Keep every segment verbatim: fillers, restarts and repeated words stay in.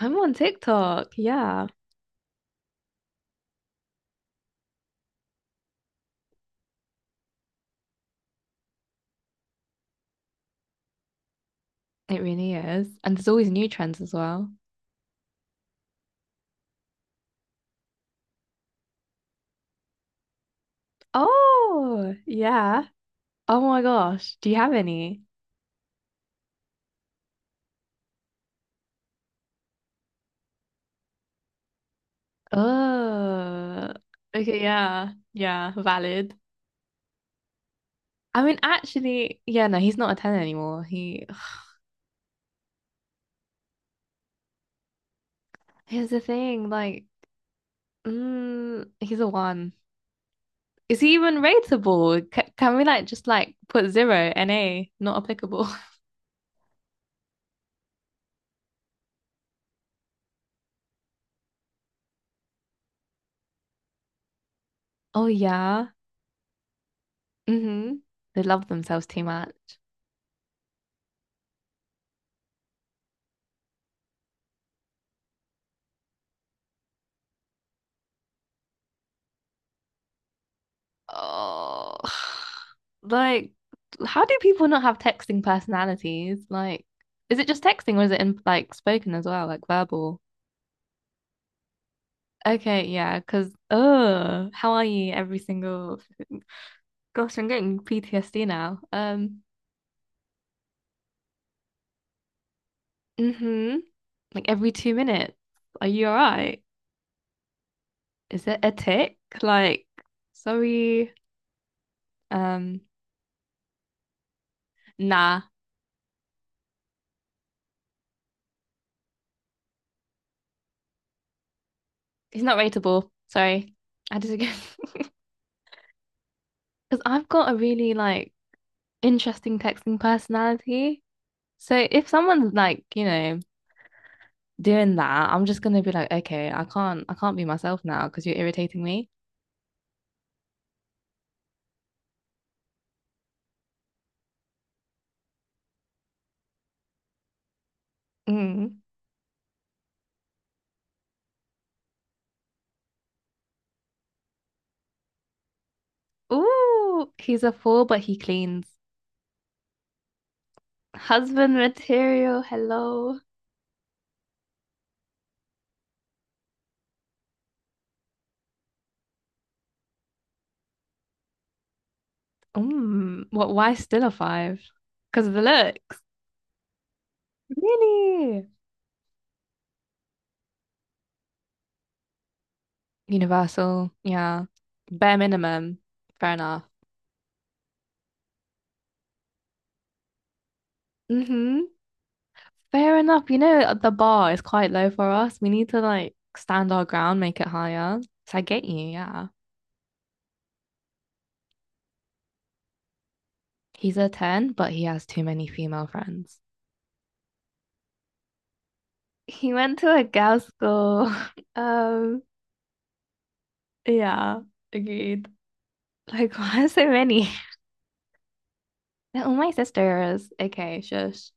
I'm on TikTok. Yeah, it really is. And there's always new trends as well. Oh, yeah. Oh my gosh. Do you have any? Oh, okay. Yeah. Yeah. Valid. I mean, actually, yeah, no, he's not a ten anymore. He, here's the thing, like, mm, he's a one. Is he even rateable? C can we, like, just, like, put zero, N A, not applicable? Oh, yeah. Mm-hmm. They love themselves too much. Oh. Like, how do people not have texting personalities? Like, is it just texting or is it in like spoken as well, like verbal? Okay, yeah, because oh, how are you every single gosh, I'm getting P T S D now. Um, mm-hmm. Like every two minutes. Are you all right? Is it a tick? Like, sorry. Um, nah, he's not rateable. Sorry. I disagree. Because I've got a really like interesting texting personality. So if someone's like, you know, doing that, I'm just gonna be like, okay, I can't, I can't be myself now because you're irritating me. Mm. Ooh, he's a fool, but he cleans. Husband material, hello. Mm, what, why still a five? Because of the looks. Really? Universal, yeah. Bare minimum. Fair enough. Mm-hmm. Fair enough. You know, uh, the bar is quite low for us. We need to like stand our ground, make it higher. So I get you, yeah. He's a ten, but he has too many female friends. He went to a girls' school. Um, yeah, agreed. Like, why are so many? They're all my sisters. Okay, shush.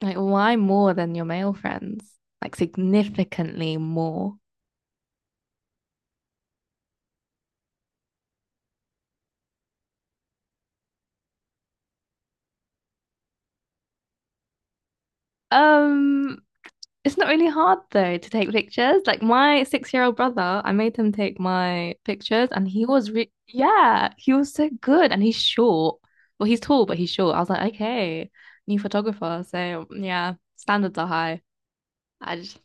Like, why more than your male friends? Like, significantly more. Um, It's not really hard though to take pictures. Like my six-year-old brother, I made him take my pictures and he was re yeah, he was so good and he's short. Well, he's tall, but he's short. I was like, okay, new photographer. So yeah, standards are high. I just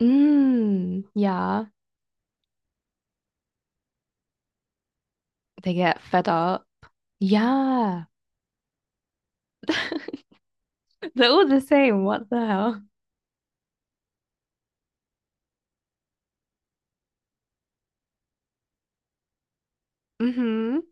mm, yeah. They get fed up. Yeah. They're all the same. What the hell? Mm-hmm.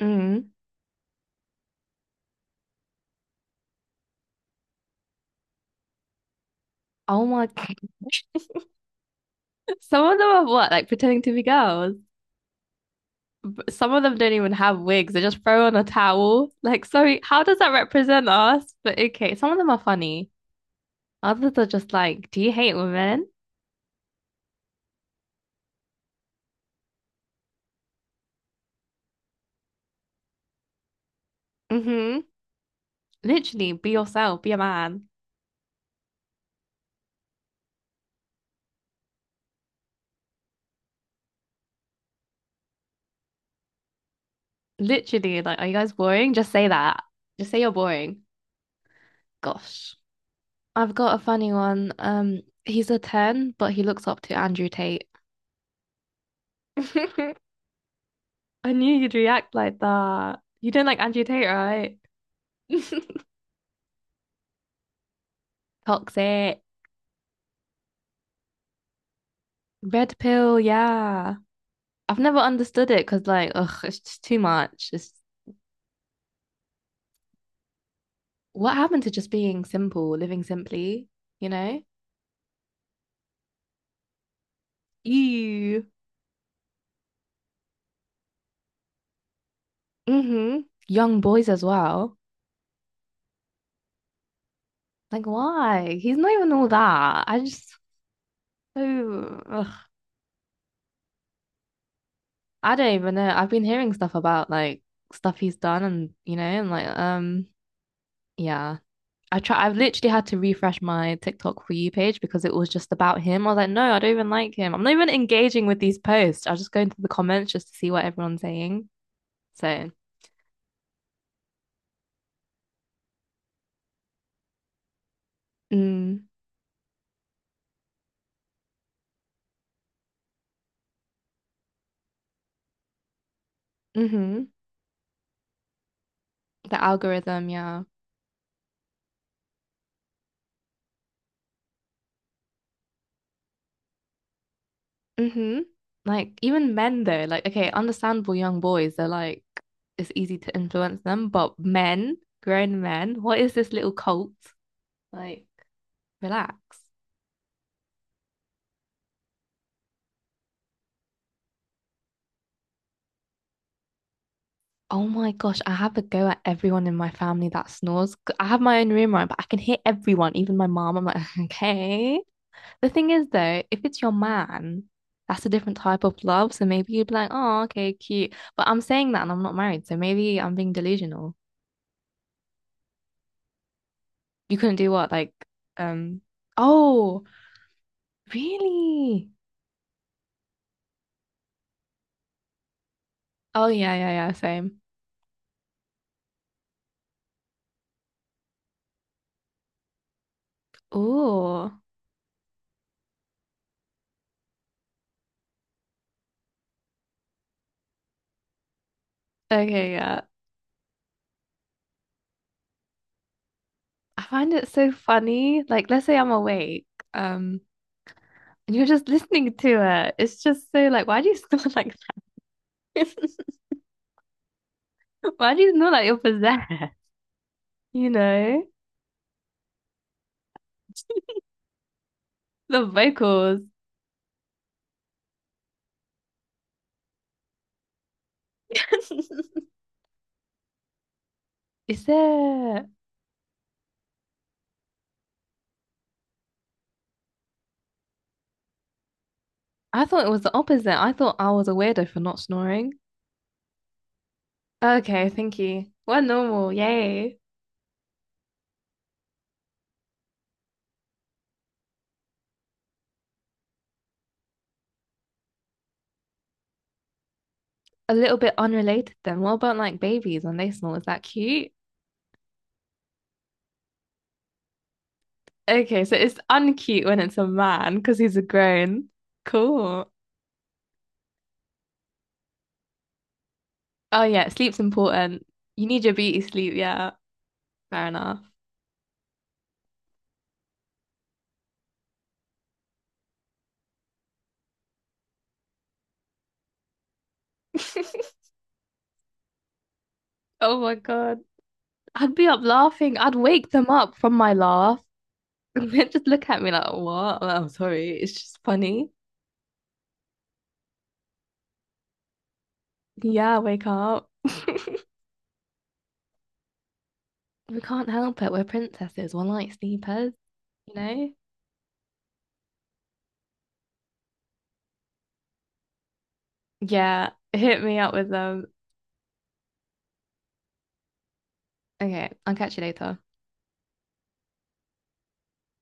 Mm. Oh my God. Some of them are what, like pretending to be girls. Some of them don't even have wigs. They just throw on a towel. Like, sorry, how does that represent us? But okay, some of them are funny. Others are just like, do you hate women? Mm-hmm. Literally, be yourself, be a man. Literally, like, are you guys boring? Just say that. Just say you're boring. Gosh. I've got a funny one. Um, he's a ten, but he looks up to Andrew Tate. I knew you'd react like that. You don't like Andrew Tate, right? Toxic. Red pill, yeah. I've never understood it because like, ugh, it's just too much. It's what happened to just being simple, living simply, you know? you, Mm-hmm. Young boys as well. Like, why? He's not even all that. I just, oh, ugh. I don't even know. I've been hearing stuff about like stuff he's done and, you know, and like, um, yeah. I try I've literally had to refresh my TikTok for you page because it was just about him. I was like, no, I don't even like him. I'm not even engaging with these posts. I'll just go into the comments just to see what everyone's saying. So, mm, hmm. The algorithm, yeah. hmm Like even men though, like okay, understandable young boys, they're like it's easy to influence them, but men, grown men, what is this little cult? Like, relax. Oh my gosh, I have a go at everyone in my family that snores. 'Cause I have my own room, right? But I can hear everyone, even my mom. I'm like, okay. The thing is, though, if it's your man, that's a different type of love. So maybe you'd be like, oh, okay, cute. But I'm saying that and I'm not married. So maybe I'm being delusional. You couldn't do what? Like, um, oh, really? Oh, yeah, yeah, yeah, same. Oh, okay, yeah. I find it so funny. Like, let's say I'm awake. Um, And you're just listening to it. It's just so like, why do you snore like this? Why do you snore like you're possessed? You know, the vocals. Is there? I thought it was the opposite. I thought I was a weirdo for not snoring. Okay, thank you. We're normal. Yay. A little bit unrelated then. What about like babies when they snore? Is that cute? Okay, so it's uncute when it's a man because he's a grown. Cool. Oh, yeah, sleep's important. You need your beauty sleep. Yeah, fair enough. Oh my God. I'd be up laughing. I'd wake them up from my laugh. And they'd just look at me like, what? I'm like, "I'm sorry. It's just funny. Yeah, wake up. We can't help it. We're princesses. We're like sleepers, you know? Yeah, hit me up with them. Okay, I'll catch you later.